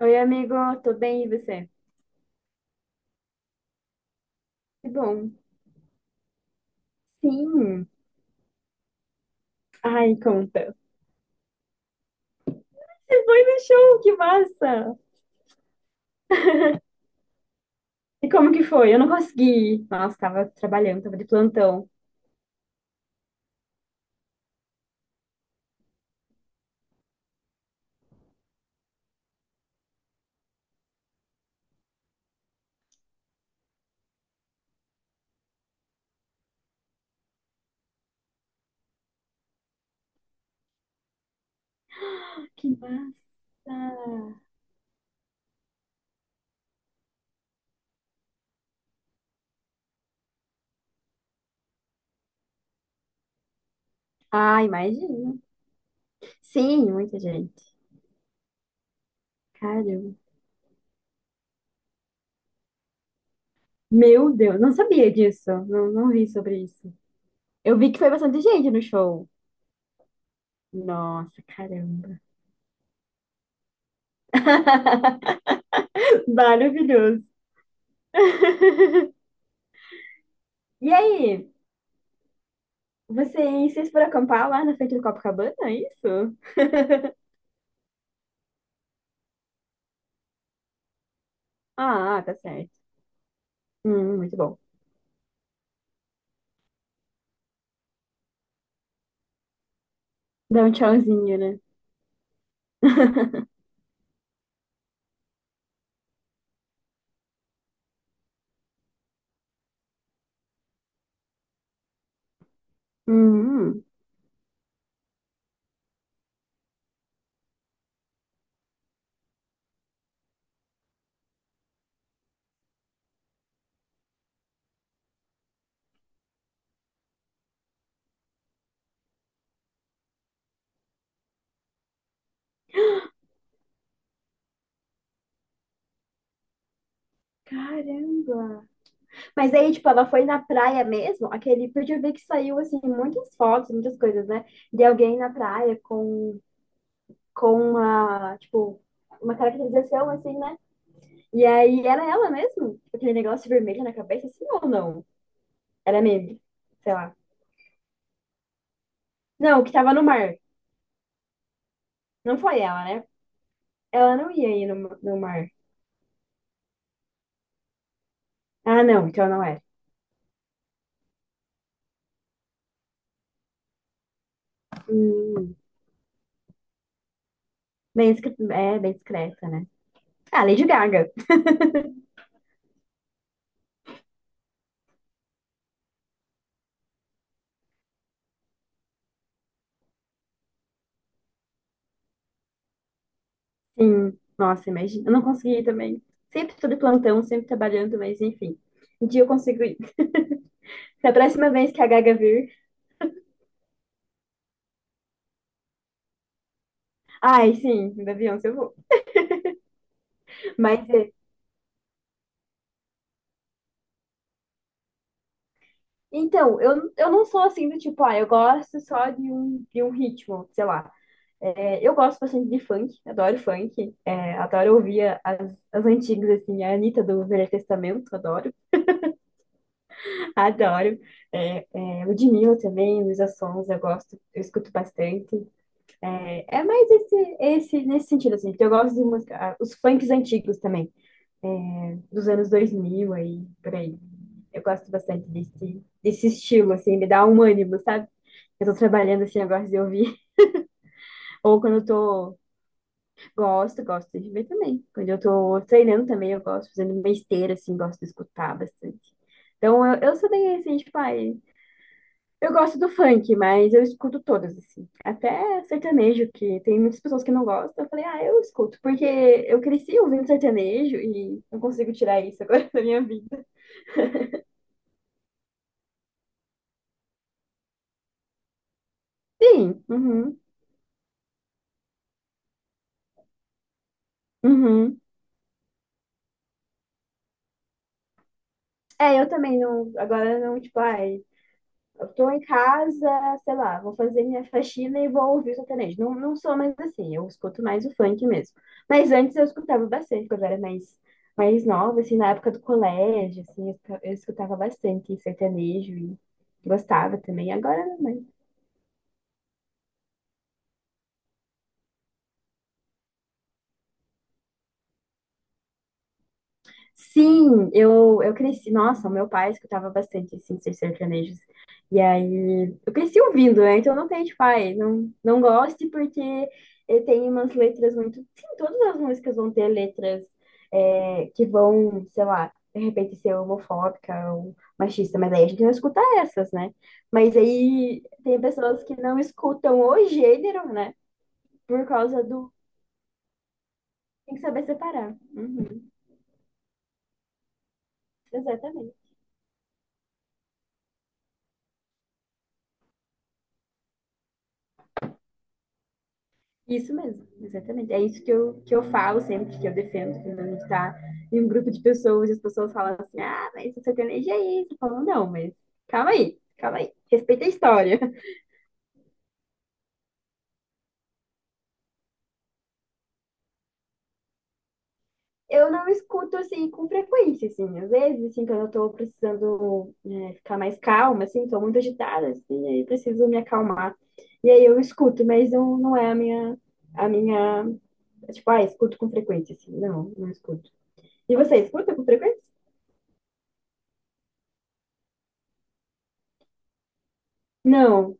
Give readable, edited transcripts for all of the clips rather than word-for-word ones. Oi, amigo, tô bem, e você? Que bom. Sim. Ai, conta. Você foi no show, que massa! E como que foi? Eu não consegui ir. Nossa, tava trabalhando, tava de plantão. Que massa! Ah, imagino. Sim, muita gente. Caramba. Meu Deus, não sabia disso. Não, não vi sobre isso. Eu vi que foi bastante gente no show. Nossa, caramba. Maravilhoso. E aí? Vocês foram acampar lá na frente do Copacabana, é isso? Ah, tá certo. Muito bom. Dá um tchauzinho, né? Hum, Caramba. Mas aí, tipo, ela foi na praia mesmo, aquele, porque eu vi que saiu, assim, muitas fotos, muitas coisas, né? De alguém na praia com, uma, tipo, uma caracterização, assim, né? E aí, era ela mesmo? Tipo, aquele negócio vermelho na cabeça, assim, ou não? Era meme, sei lá. Não, o que tava no mar. Não foi ela, né? Ela não ia ir no, mar. Ah, não, então não era. Hum, bem bem discreta, né? Ah, Lady Gaga. Sim, nossa, imagina. Eu não consegui ir também. Sempre tô de plantão, sempre trabalhando, mas enfim. Um dia eu consigo ir. Se a próxima vez que a Gaga vir, ai, sim, da Beyoncé eu vou. Mas é, então, eu não sou assim do tipo, ah, eu gosto só de um, ritmo, sei lá. É, eu gosto bastante de funk, adoro funk, é, adoro ouvir as antigas, assim, a Anitta do Velho Testamento, adoro. Adoro. É, Ludmilla também, Luísa Sons, eu gosto, eu escuto bastante. É mais nesse sentido, assim, porque eu gosto de música, ah, os funks antigos também, é, dos anos 2000 aí, por aí. Eu gosto bastante desse estilo, assim, me dá um ânimo, sabe? Eu tô trabalhando assim, eu gosto de ouvir. Ou quando eu tô. Gosto, gosto de ver também. Quando eu tô treinando também, eu gosto, fazendo uma esteira, assim, gosto de escutar bastante. Então, eu sou bem assim, tipo, ai, eu gosto do funk, mas eu escuto todas, assim. Até sertanejo, que tem muitas pessoas que não gostam. Eu falei, ah, eu escuto, porque eu cresci ouvindo sertanejo e não consigo tirar isso agora da minha vida. Sim, uhum, uhum. É, eu também não. Agora não, tipo, ai. Eu tô em casa, sei lá, vou fazer minha faxina e vou ouvir o sertanejo. Não, não sou mais assim, eu escuto mais o funk mesmo. Mas antes eu escutava bastante, quando eu era mais nova, assim, na época do colégio, assim, eu escutava bastante sertanejo e gostava também. Agora não. Sim, eu cresci. Nossa, o meu pai escutava bastante assim, esses sertanejos. E aí, eu cresci ouvindo, né? Então não tem, tipo, pai não, não goste porque tem umas letras muito. Sim, todas as músicas vão ter letras que vão, sei lá, de repente ser homofóbica ou machista, mas aí a gente não escuta essas, né? Mas aí tem pessoas que não escutam o gênero, né? Por causa do. Tem que saber separar. Uhum, exatamente. Isso mesmo, exatamente. É isso que eu falo sempre, que eu defendo, quando a gente está em um grupo de pessoas e as pessoas falam assim, ah, mas você tem energia é isso. Eu falo, não, mas calma aí, respeita a história. Eu não escuto, assim, com frequência, assim, às vezes, assim, quando eu tô precisando né, ficar mais calma, assim, tô muito agitada, assim, aí preciso me acalmar. E aí eu escuto, mas não, não é a minha, tipo, ah, escuto com frequência, assim, não, não escuto. E você escuta com frequência? Não.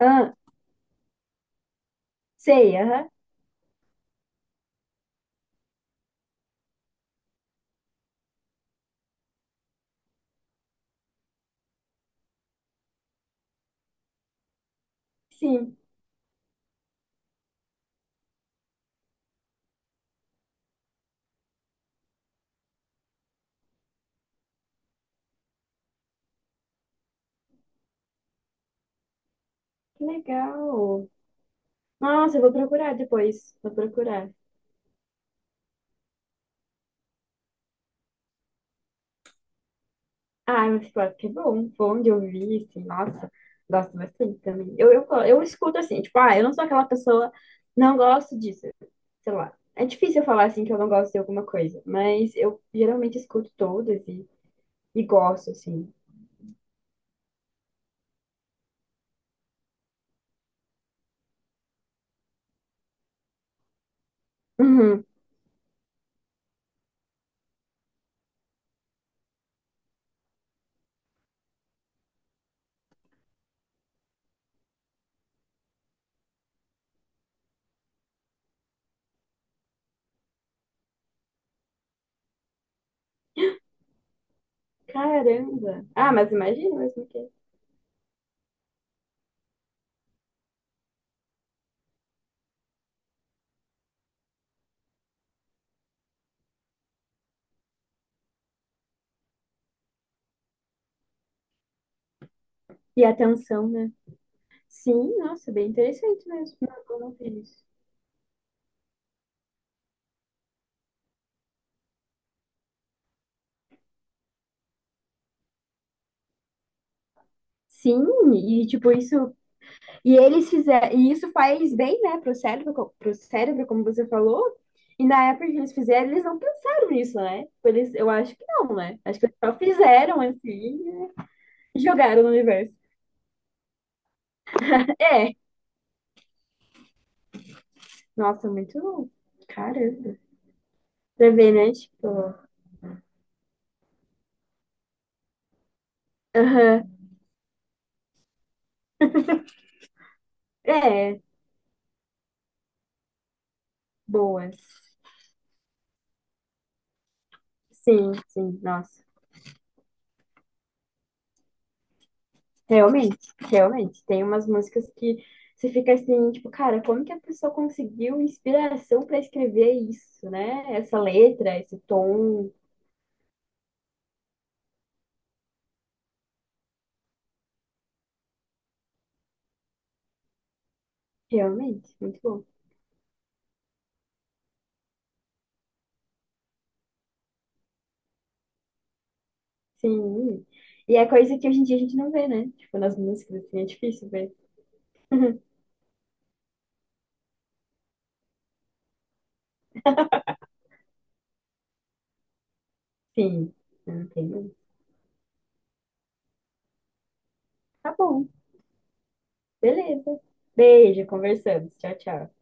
Ah, sei, aham. Sim. Que legal. Nossa, eu vou procurar depois. Vou procurar. Ah, mas eu acho que é bom. Bom de ouvir, assim. Nossa, gosto bastante também. Eu escuto assim, tipo, ah, eu não sou aquela pessoa, não gosto disso. Sei lá. É difícil eu falar assim que eu não gosto de alguma coisa, mas eu geralmente escuto todas e gosto, assim. Uhum. Caramba. Ah, mas imagina mesmo que. E a atenção, né? Sim, nossa, bem interessante mesmo. Não, eu não fiz. Sim, e tipo isso, e eles fizeram, e isso faz bem, né, pro cérebro, como você falou. E na época que eles fizeram, eles não pensaram nisso, né? Tipo, eles, eu acho que não, né? Acho que eles só fizeram assim e jogaram no universo. É, nossa, muito louco. Caramba. Pra ver, né? Tipo, aham. É, boas. Sim, sim, nossa. Realmente, realmente. Tem umas músicas que você fica assim, tipo, cara, como que a pessoa conseguiu inspiração para escrever isso, né? Essa letra, esse tom. Realmente, muito bom. Sim. E é coisa que hoje em dia a gente não vê, né? Tipo, nas músicas, assim, é difícil ver. Sim, não tem mais. Tá bom, beleza. Beijo, conversamos. Tchau, tchau.